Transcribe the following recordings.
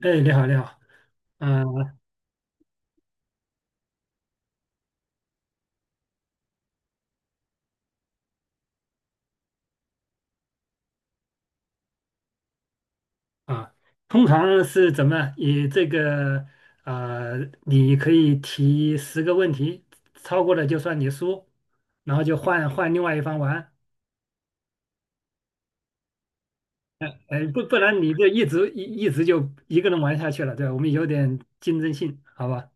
哎，你好，你好。嗯、啊，通常是怎么样以这个呃，你可以提十个问题，超过了就算你输，然后就换另外一方玩。哎，不然你就一直就一个人玩下去了，对吧？我们有点竞争性，好吧？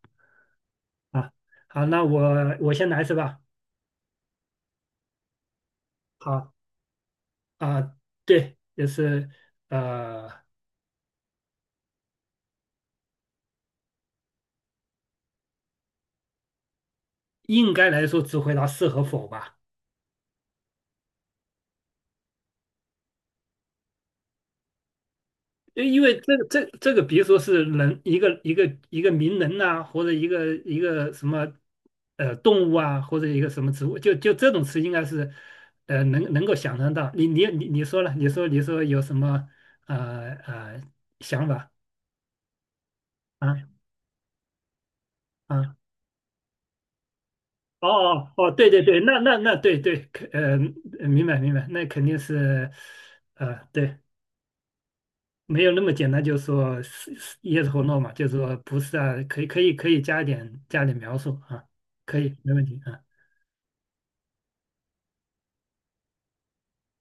啊，好，那我先来是吧？好啊，对，就是呃，应该来说只回答是和否吧。因为这个，比如说是人一个名人呐、或者一个什么动物啊，或者一个什么植物，这种词应该是能够想象到。你说了，你说有什么呃呃想法啊？啊？哦哦哦，对对对，那那那对对，明白明白。那肯定是呃对没有那么简单，就是说是 yes or no 嘛，就是说不是啊，可以可以可以加一点描述啊，可以没问题啊。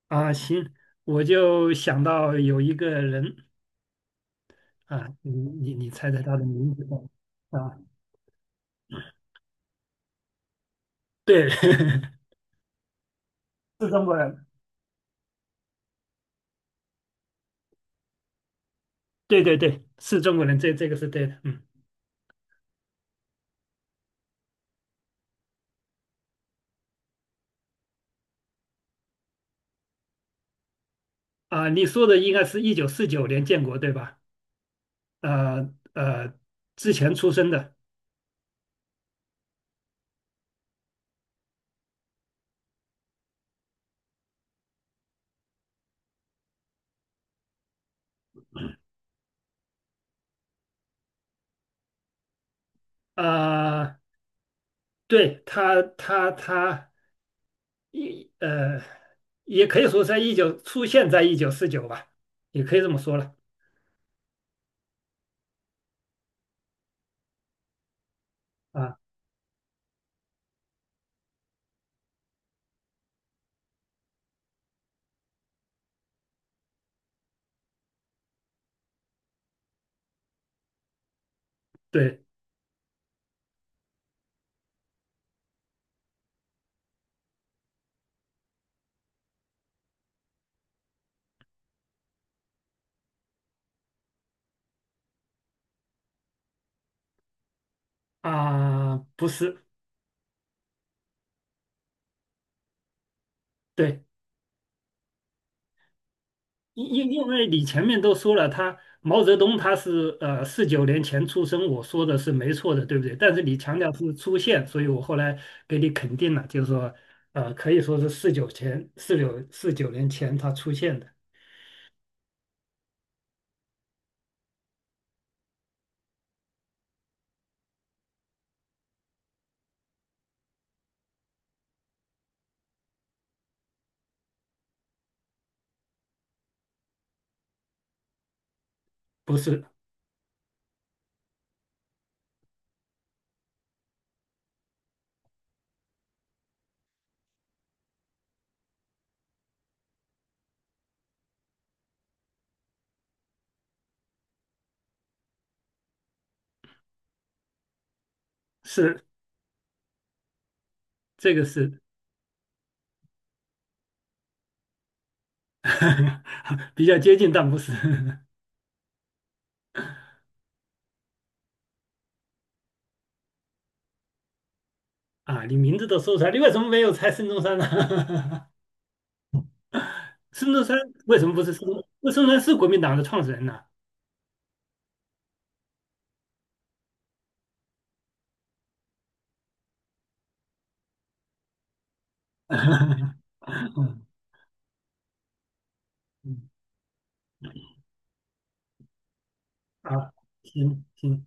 啊行，我就想到有一个人啊，你猜猜他的名字。啊？对，是中国人。对对对，是中国人，这个是对的。嗯啊，你说的应该是1949年建国对吧？呃呃，之前出生的。啊，对他他。他一呃，也可以说在一九出现在一九四九吧，也可以这么说了。啊，对啊，不是，对。因为你前面都说了，他毛泽东他是四九年前出生，我说的是没错的，对不对？但是你强调是出现，所以我后来给你肯定了，就是说，可以说是四九年前他出现的。不是，是这个是 比较接近，但不是。啊，你名字都说出来，你为什么没有猜孙中山呢？孙中山为什么不是孙中？孙中山是国民党的创始人呢？嗯嗯啊，行行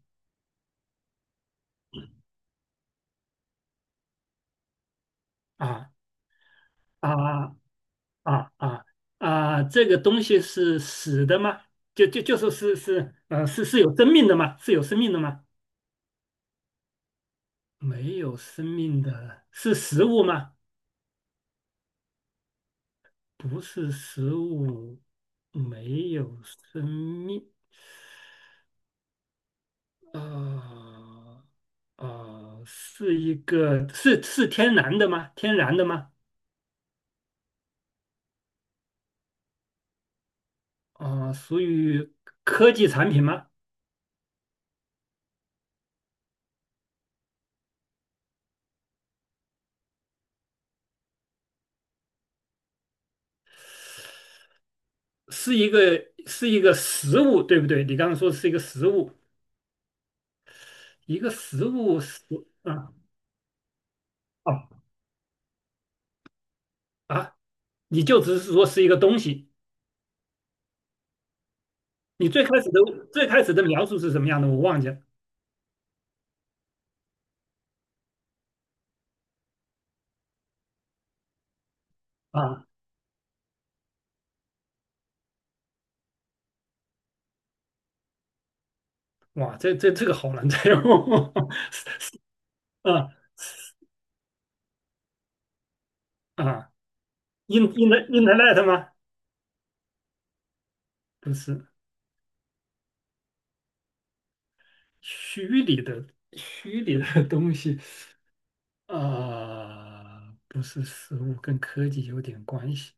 啊。啊啊啊这个东西是死的吗？就说是有生命的吗？是有生命的吗？没有生命的是食物吗？不是食物，没有生命。呃，是一个是是天然的吗？天然的吗？属于科技产品吗？是一个实物，对不对？你刚刚说是一个实物，一个实物食啊哦啊，你就只是说是一个东西。你最开始的最开始的描述是什么样的？我忘记了。啊！哇，这个好难猜哦！啊啊，in in the internet 吗？不是虚拟的，虚拟的东西。呃，不是实物，跟科技有点关系。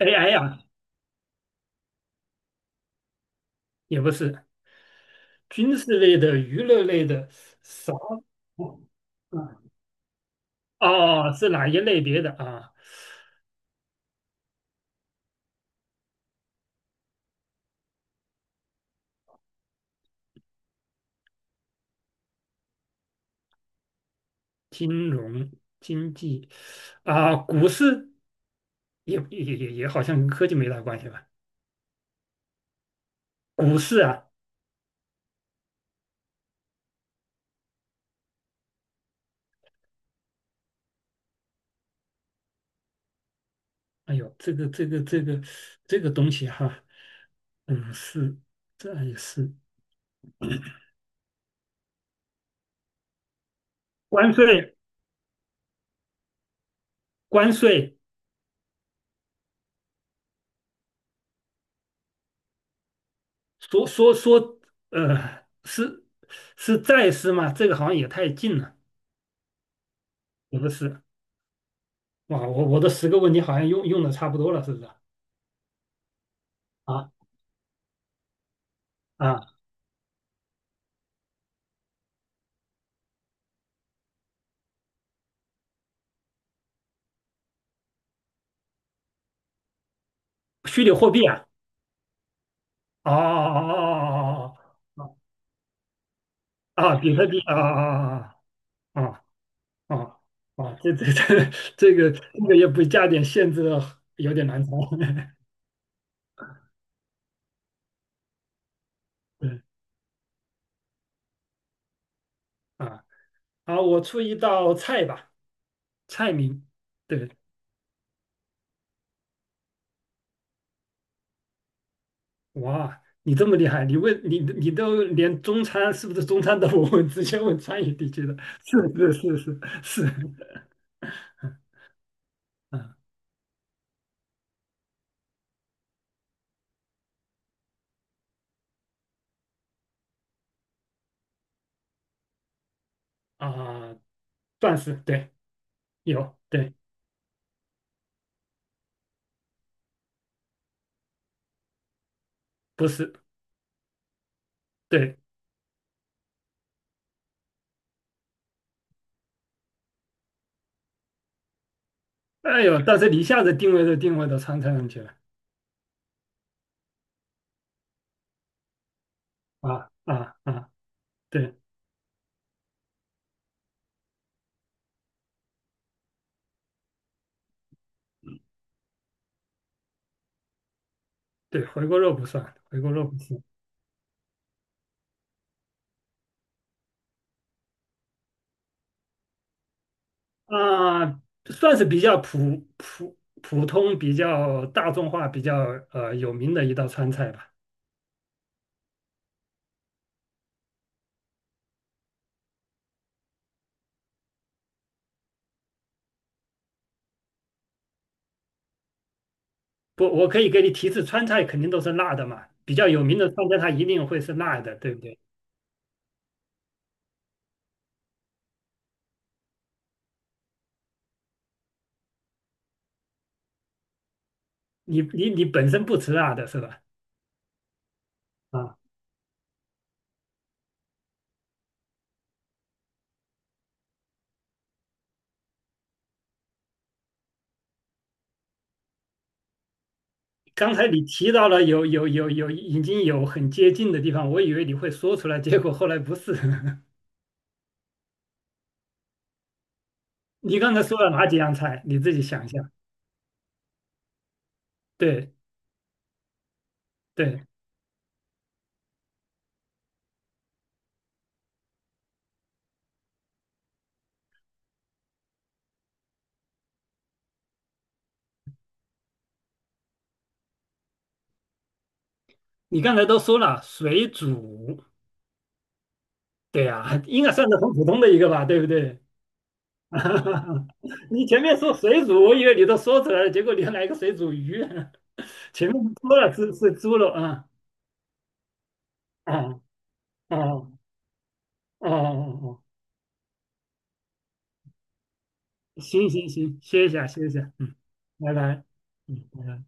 AI 呀、也不是，军事类的、娱乐类的，啥？哦，嗯，哦是哪一类别的啊？金融、经济啊，股市也也也也好像跟科技没大关系吧？股市啊。哎呦，这个东西哈、股市这也是关税。关税说说说，呃，是是再师吗？这个好像也太近了，也不是。哇，我我的十个问题好像用的差不多了，是不是？啊啊，虚拟货币啊。哦哦哦哦哦哦，啊，比特币啊啊啊啊啊啊！啊，这个也不加点限制，有点难猜。对啊，好，我出一道菜吧，菜名。对，哇，你这么厉害，你问你你都连中餐是不是中餐都不问，直接问川渝地区的，是是。嗯啊，算是对，有对，不是对。哎呦，但是你一下子定位都定位到川菜上去了。啊啊啊，对对，回锅肉不算，回锅肉不算。啊，算是比较普普通、比较大众化、比较有名的一道川菜吧。不，我可以给你提示，川菜肯定都是辣的嘛，比较有名的川菜它一定会是辣的，对不对？你你本身不吃辣的是吧？啊，刚才你提到了有有有有已经有很接近的地方，我以为你会说出来，结果后来不是。你刚才说了哪几样菜？你自己想一下。对对，你刚才都说了水煮，对呀、应该算是很普通的一个吧，对不对？你前面说水煮，我以为你都说出来了，结果你还来个水煮鱼。前面说了是猪肉啊。哦哦哦哦哦，行行行，歇一下歇一下，嗯，拜拜，嗯，拜拜。